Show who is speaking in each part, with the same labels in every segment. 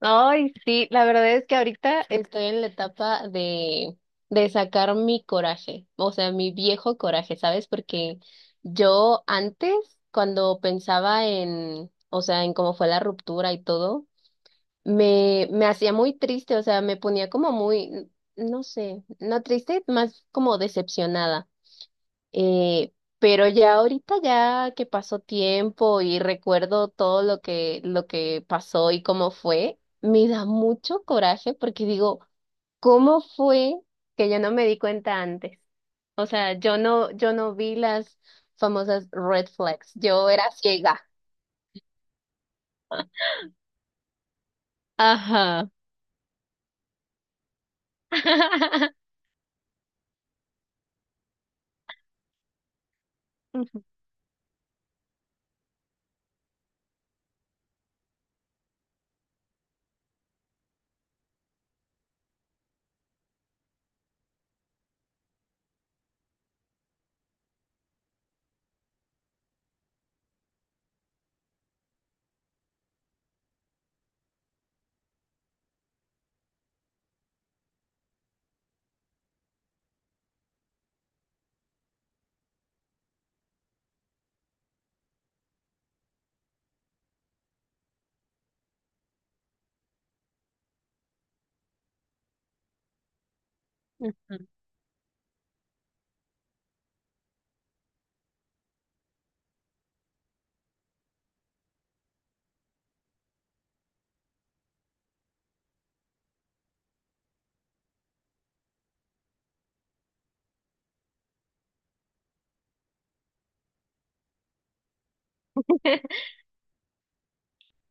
Speaker 1: Ay, sí, la verdad es que ahorita estoy en la etapa de sacar mi coraje, o sea, mi viejo coraje, ¿sabes? Porque yo antes, cuando pensaba en, o sea, en cómo fue la ruptura y todo, me hacía muy triste, o sea, me ponía como muy, no sé, no triste, más como decepcionada. Eh, pero ya ahorita ya que pasó tiempo y recuerdo todo lo que pasó y cómo fue, me da mucho coraje porque digo, ¿cómo fue que yo no me di cuenta antes? O sea, yo no vi las famosas red flags, yo era ciega. Ajá.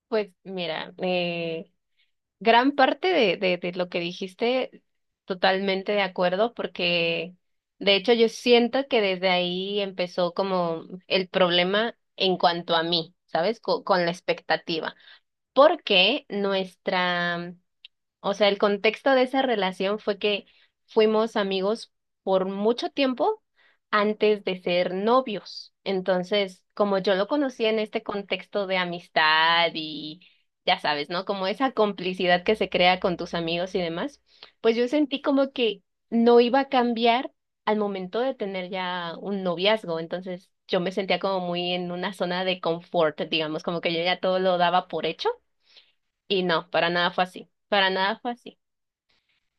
Speaker 1: Pues mira, gran parte de lo que dijiste, totalmente de acuerdo, porque de hecho yo siento que desde ahí empezó como el problema en cuanto a mí, ¿sabes? Con la expectativa, porque nuestra o sea, el contexto de esa relación fue que fuimos amigos por mucho tiempo antes de ser novios. Entonces, como yo lo conocía en este contexto de amistad y ya sabes, ¿no? Como esa complicidad que se crea con tus amigos y demás, pues yo sentí como que no iba a cambiar al momento de tener ya un noviazgo. Entonces, yo me sentía como muy en una zona de confort, digamos, como que yo ya todo lo daba por hecho y no, para nada fue así. Para nada fue así.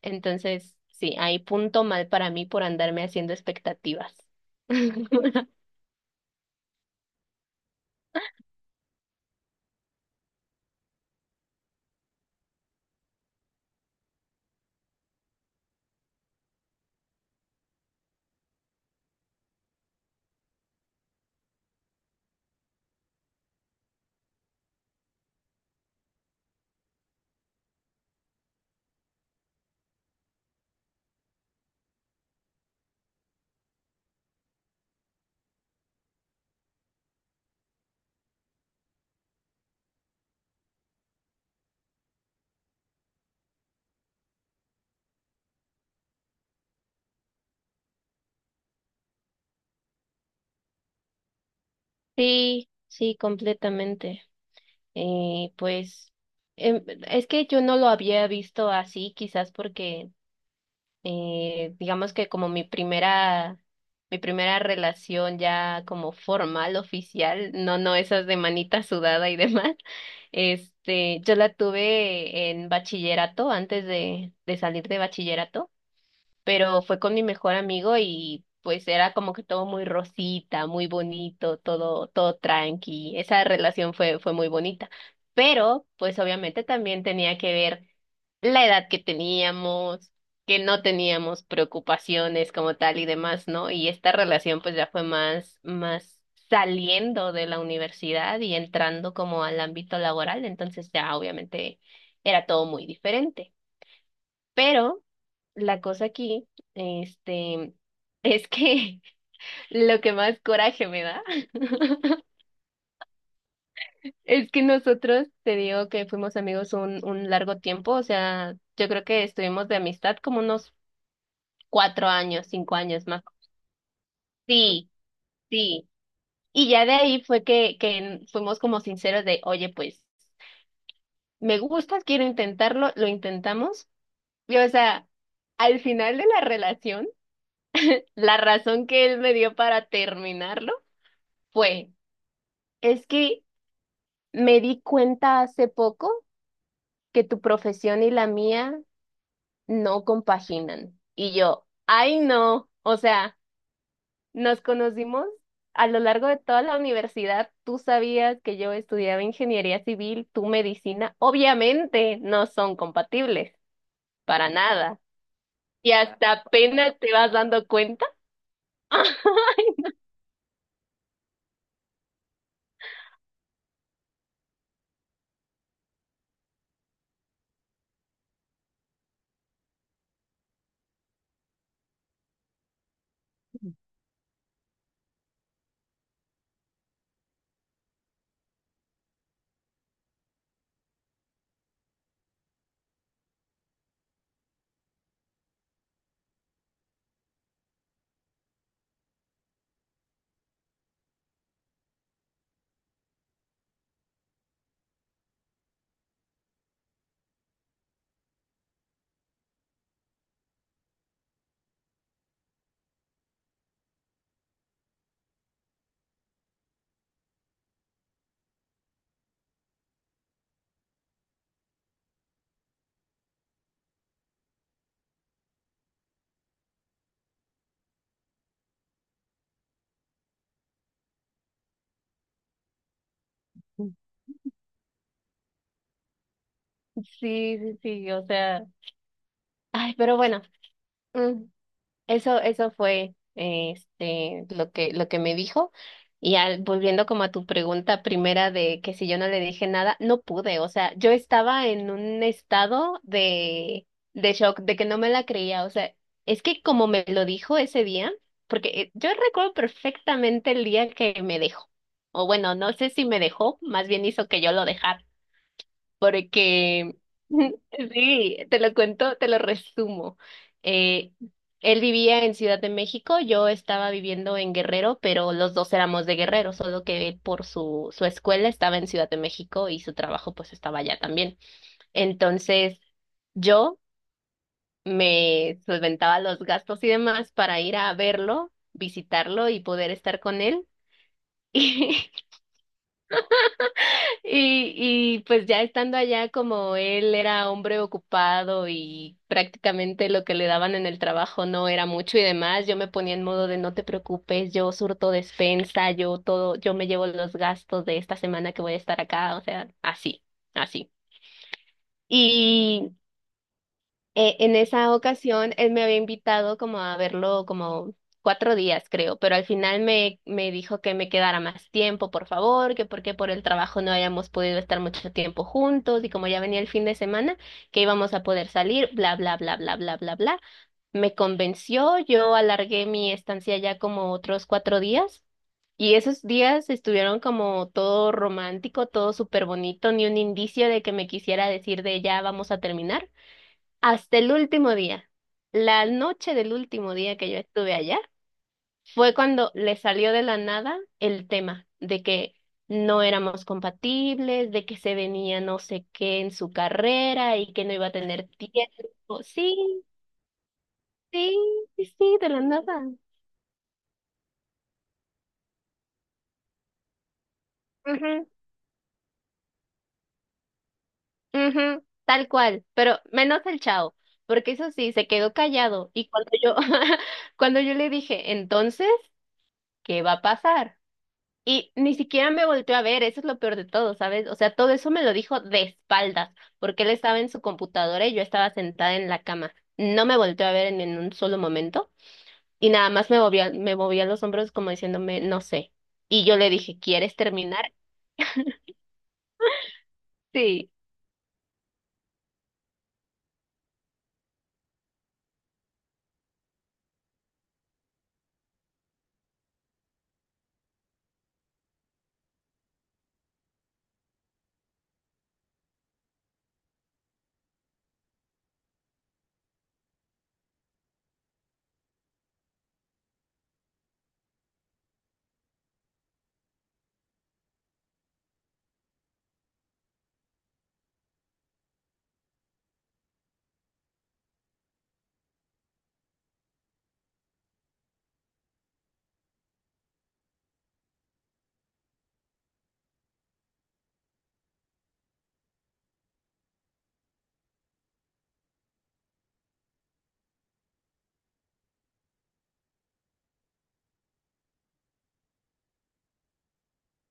Speaker 1: Entonces, sí, hay punto mal para mí por andarme haciendo expectativas. Sí, sí, completamente. Pues es que yo no lo había visto así, quizás porque digamos que como mi primera relación ya como formal, oficial, no, no esas de manita sudada y demás, yo la tuve en bachillerato antes de salir de bachillerato. Pero fue con mi mejor amigo y pues era como que todo muy rosita, muy bonito, todo, todo tranqui. Esa relación fue muy bonita. Pero, pues obviamente también tenía que ver la edad que teníamos, que no teníamos preocupaciones como tal y demás, ¿no? Y esta relación pues ya fue más saliendo de la universidad y entrando como al ámbito laboral, entonces ya obviamente era todo muy diferente. Pero la cosa aquí, este, es que lo que más coraje me da es que nosotros, te digo que fuimos amigos un largo tiempo, o sea, yo creo que estuvimos de amistad como unos 4 años, 5 años más. Sí, sí. Y ya de ahí fue que fuimos como sinceros de, oye, pues, me gustas, quiero intentarlo, lo intentamos. Y o sea, al final de la relación, la razón que él me dio para terminarlo fue, es que me di cuenta hace poco que tu profesión y la mía no compaginan. Y yo, ay no, o sea, nos conocimos a lo largo de toda la universidad. Tú sabías que yo estudiaba ingeniería civil, tú medicina. Obviamente no son compatibles, para nada. Y hasta apenas te vas dando cuenta. Sí, sí, sí, o sea, ay, pero bueno, mm, eso fue lo que me dijo. Y volviendo como a tu pregunta primera de que si yo no le dije nada, no pude. O sea, yo estaba en un estado de shock, de que no me la creía. O sea, es que como me lo dijo ese día, porque yo recuerdo perfectamente el día que me dejó. O bueno, no sé si me dejó, más bien hizo que yo lo dejara porque sí, te lo cuento, te lo resumo. Eh, él vivía en Ciudad de México, yo estaba viviendo en Guerrero, pero los dos éramos de Guerrero, solo que él por su escuela estaba en Ciudad de México y su trabajo pues estaba allá también. Entonces yo me solventaba los gastos y demás para ir a verlo, visitarlo y poder estar con él. Y, y pues ya estando allá, como él era hombre ocupado y prácticamente lo que le daban en el trabajo no era mucho y demás, yo me ponía en modo de no te preocupes, yo surto despensa, yo todo, yo me llevo los gastos de esta semana que voy a estar acá, o sea, así, así. Y en esa ocasión él me había invitado como a verlo como 4 días, creo, pero al final me dijo que me quedara más tiempo, por favor, que porque por el trabajo no habíamos podido estar mucho tiempo juntos y como ya venía el fin de semana, que íbamos a poder salir, bla, bla, bla, bla, bla, bla, bla. Me convenció, yo alargué mi estancia ya como otros 4 días. Y esos días estuvieron como todo romántico, todo súper bonito, ni un indicio de que me quisiera decir de ya vamos a terminar hasta el último día. La noche del último día que yo estuve allá fue cuando le salió de la nada el tema de que no éramos compatibles, de que se venía no sé qué en su carrera y que no iba a tener tiempo. Sí, sí, sí, sí, de la nada. Ujú, ujú, tal cual, pero menos el chao, porque eso sí, se quedó callado y cuando yo, cuando yo le dije, entonces, ¿qué va a pasar? Y ni siquiera me volteó a ver, eso es lo peor de todo, ¿sabes? O sea, todo eso me lo dijo de espaldas, porque él estaba en su computadora y yo estaba sentada en la cama. No me volteó a ver en un solo momento y nada más me movía los hombros como diciéndome, no sé. Y yo le dije, ¿quieres terminar? Sí.